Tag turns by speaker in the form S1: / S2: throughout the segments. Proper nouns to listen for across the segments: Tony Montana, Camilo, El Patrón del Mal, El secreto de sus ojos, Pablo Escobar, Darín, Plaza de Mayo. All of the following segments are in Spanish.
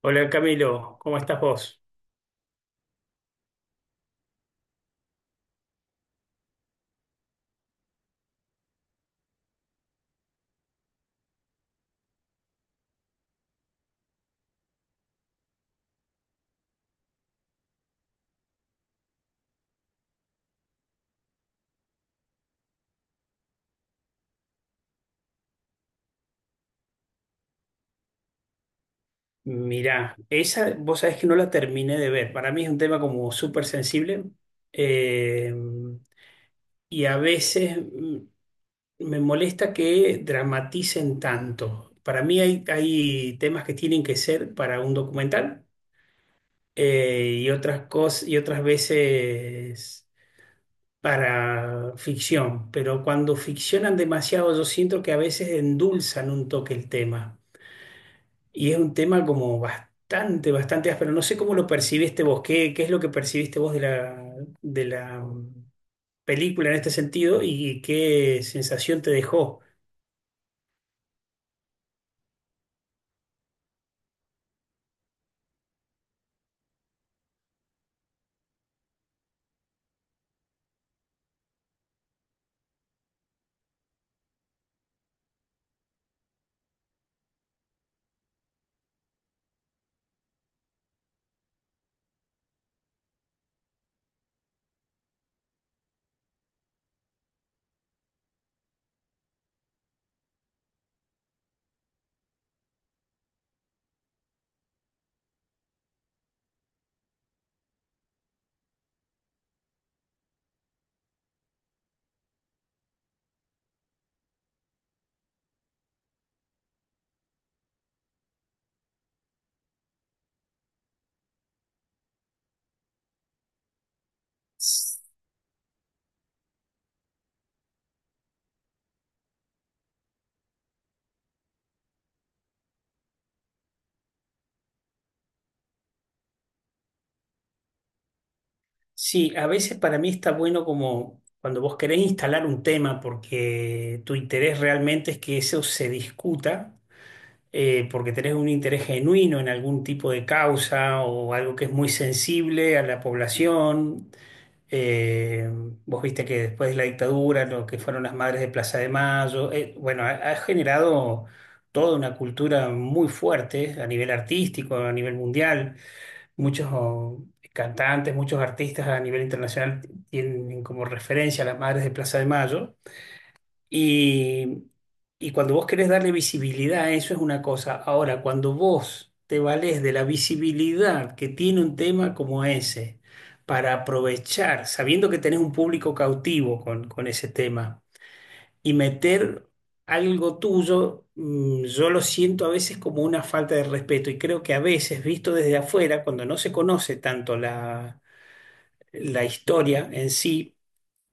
S1: Hola Camilo, ¿cómo estás vos? Mirá, esa vos sabés que no la terminé de ver. Para mí es un tema como súper sensible eh, y a veces me molesta que dramaticen tanto. Para mí hay temas que tienen que ser para un documental y otras cosas y otras veces para ficción. Pero cuando ficcionan demasiado, yo siento que a veces endulzan un toque el tema. Y es un tema como bastante áspero. No sé cómo lo percibiste vos, qué es lo que percibiste vos de la película en este sentido y qué sensación te dejó. Sí, a veces para mí está bueno como cuando vos querés instalar un tema porque tu interés realmente es que eso se discuta, porque tenés un interés genuino en algún tipo de causa o algo que es muy sensible a la población. Eh, vos viste que después de la dictadura, lo que fueron las madres de Plaza de Mayo, bueno, ha generado toda una cultura muy fuerte a nivel artístico, a nivel mundial. Muchos cantantes, muchos artistas a nivel internacional tienen como referencia a las madres de Plaza de Mayo. Y, y cuando vos querés darle visibilidad a eso es una cosa. Ahora, cuando vos te valés de la visibilidad que tiene un tema como ese para aprovechar, sabiendo que tenés un público cautivo con ese tema, y meter algo tuyo, mm, yo lo siento a veces como una falta de respeto y creo que a veces, visto desde afuera, cuando no se conoce tanto la historia en sí,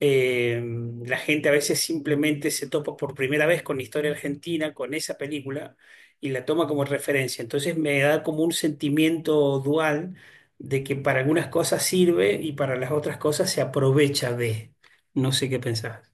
S1: eh, la gente a veces simplemente se topa por primera vez con la historia argentina, con esa película, y la toma como referencia. Entonces me da como un sentimiento dual de que para algunas cosas sirve y para las otras cosas se aprovecha de. No sé qué pensás.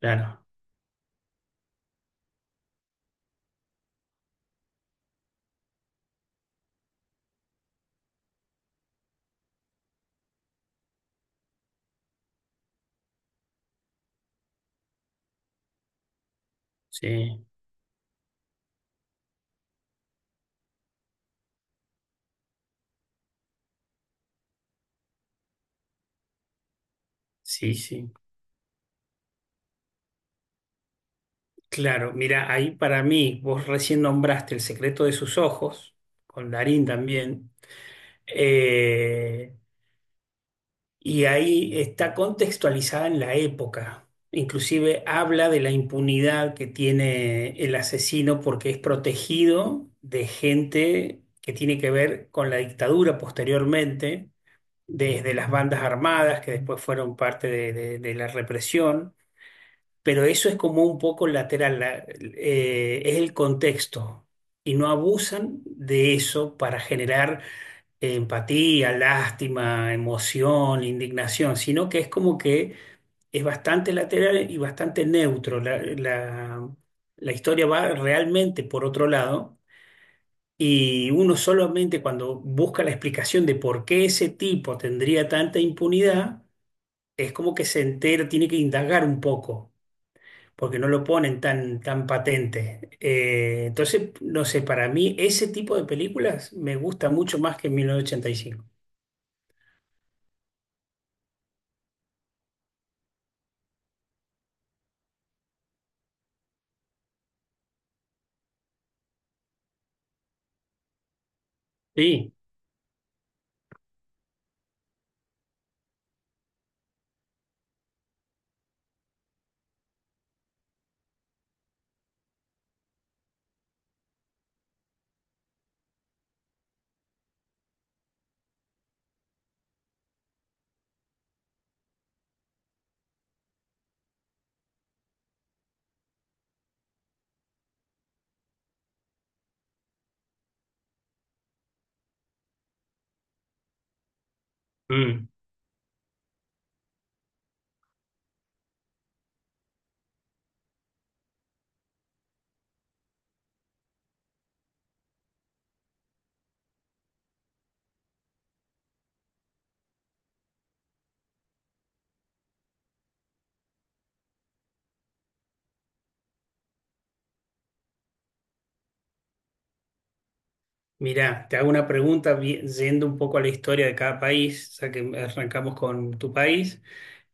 S1: Claro, sí, sí, sí. Claro, mira, ahí para mí, vos recién nombraste El secreto de sus ojos, con Darín también. Eh, Y ahí está contextualizada en la época. Inclusive habla de la impunidad que tiene el asesino porque es protegido de gente que tiene que ver con la dictadura posteriormente, desde las bandas armadas que después fueron parte de la represión, pero eso es como un poco lateral, es el contexto y no abusan de eso para generar empatía, lástima, emoción, indignación, sino que es como que es bastante lateral y bastante neutro. La historia va realmente por otro lado y uno solamente cuando busca la explicación de por qué ese tipo tendría tanta impunidad, es como que se entera, tiene que indagar un poco. Porque no lo ponen tan patente. Entonces, no sé, para mí ese tipo de películas me gusta mucho más que mil novecientos ochenta y cinco. Sí. Mm. Mirá, te hago una pregunta yendo un poco a la historia de cada país, ya que arrancamos con tu país.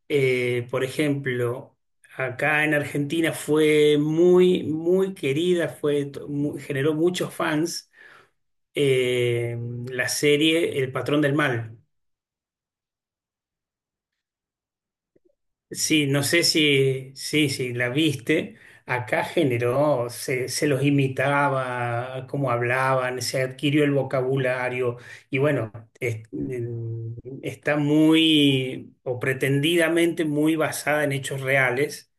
S1: Por ejemplo, acá en Argentina fue muy querida, generó muchos fans eh, la serie El Patrón del Mal. Sí, no sé si, sí, la viste. Acá generó, se los imitaba, cómo hablaban, se adquirió el vocabulario y bueno, es- en- está muy o pretendidamente muy basada en hechos reales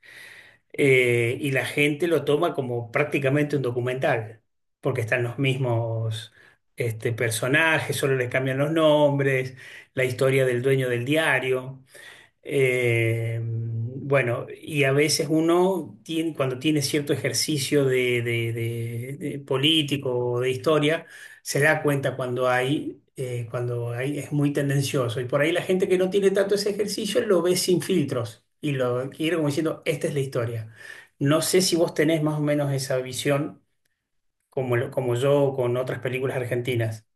S1: y la gente lo toma como prácticamente un documental, porque están los mismos este, personajes, solo les cambian los nombres, la historia del dueño del diario. Bueno, y a veces uno tiene, cuando tiene cierto ejercicio de político o de historia, se da cuenta cuando hay, es muy tendencioso. Y por ahí la gente que no tiene tanto ese ejercicio lo ve sin filtros y lo quiere como diciendo, esta es la historia. No sé si vos tenés más o menos esa visión como, como yo con otras películas argentinas.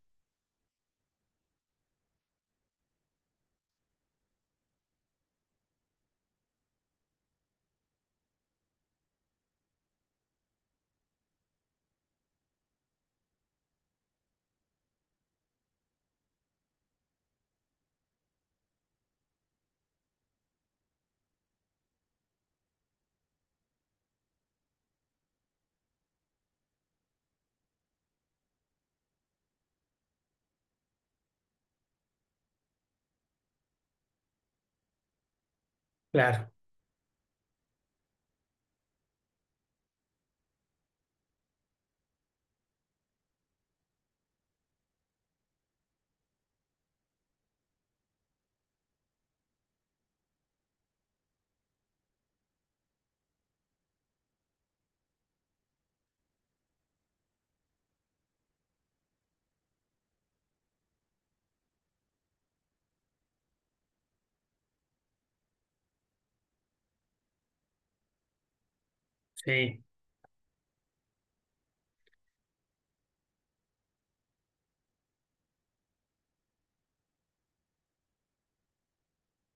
S1: Claro, sí.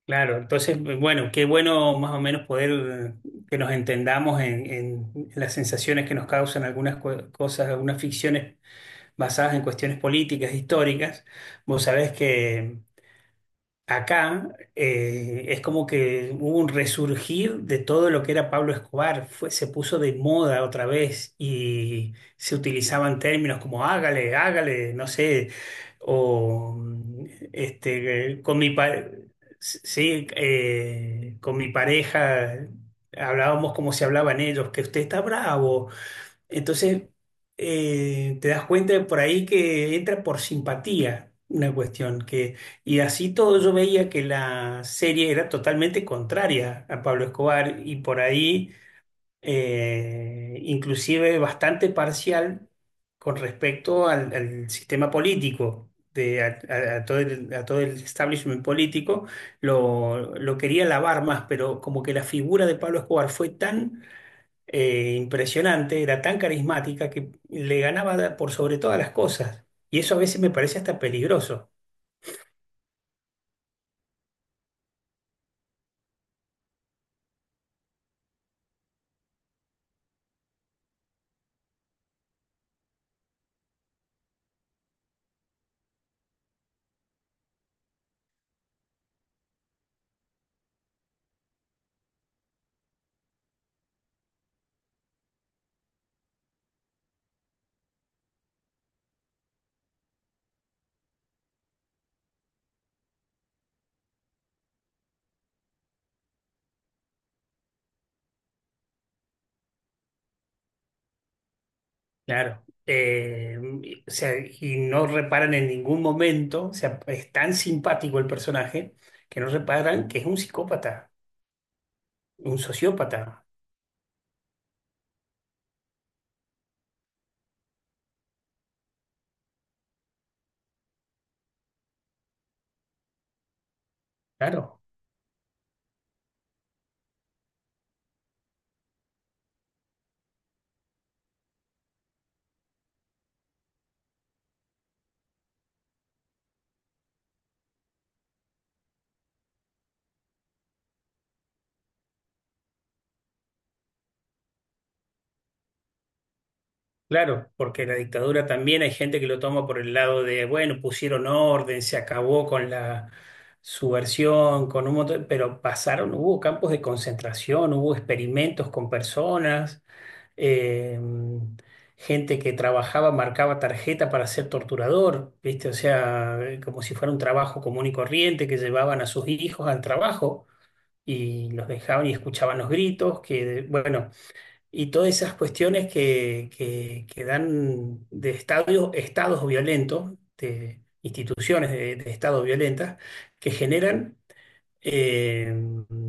S1: Claro, entonces, bueno, qué bueno más o menos poder que nos entendamos en las sensaciones que nos causan algunas cosas, algunas ficciones basadas en cuestiones políticas, históricas. Vos sabés que acá es como que hubo un resurgir de todo lo que era Pablo Escobar, fue, se puso de moda otra vez y se utilizaban términos como hágale, hágale, no sé, o mm, este, con mi, pa- s- sí, con mi pareja hablábamos como se hablaban ellos, que usted está bravo, entonces, te das cuenta de por ahí que entra por simpatía una cuestión que, y así todo yo veía que la serie era totalmente contraria a Pablo Escobar y por ahí inclusive bastante parcial con respecto al sistema político. A todo a todo el establishment político lo quería lavar más, pero como que la figura de Pablo Escobar fue tan impresionante, era tan carismática que le ganaba por sobre todas las cosas. Y eso a veces me parece hasta peligroso, claro. O sea, y no reparan en ningún momento, o sea, es tan simpático el personaje que no reparan que es un psicópata, un sociópata, claro. Claro, porque la dictadura también hay gente que lo toma por el lado de, bueno, pusieron orden, se acabó con la subversión, con un montón, pero pasaron, hubo campos de concentración, hubo experimentos con personas, eh, gente que trabajaba, marcaba tarjeta para ser torturador, ¿viste? O sea, como si fuera un trabajo común y corriente que llevaban a sus hijos al trabajo y los dejaban y escuchaban los gritos, que, bueno, y todas esas cuestiones que dan de estadios, estados violentos, de instituciones de estados violentas, que generan eh,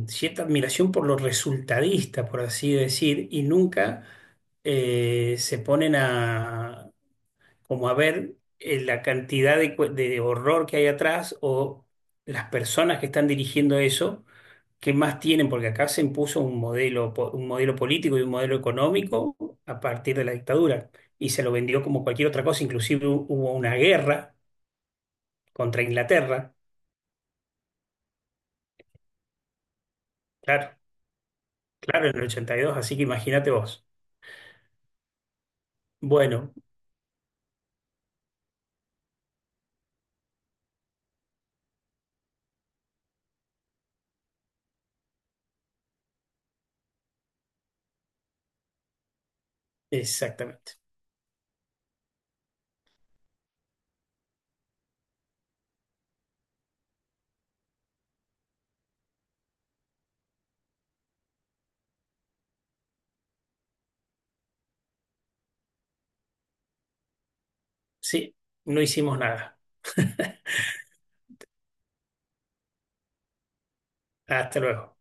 S1: cierta admiración por lo resultadista, por así decir, y nunca se ponen a como a ver la cantidad de, de horror que hay atrás o las personas que están dirigiendo eso, qué más tienen, porque acá se impuso un modelo, un modelo político y un modelo económico a partir de la dictadura y se lo vendió como cualquier otra cosa, inclusive hubo una guerra contra Inglaterra, claro, claro, en el 82, así que imagínate vos. Bueno, exactamente. Sí, no hicimos nada. Hasta luego.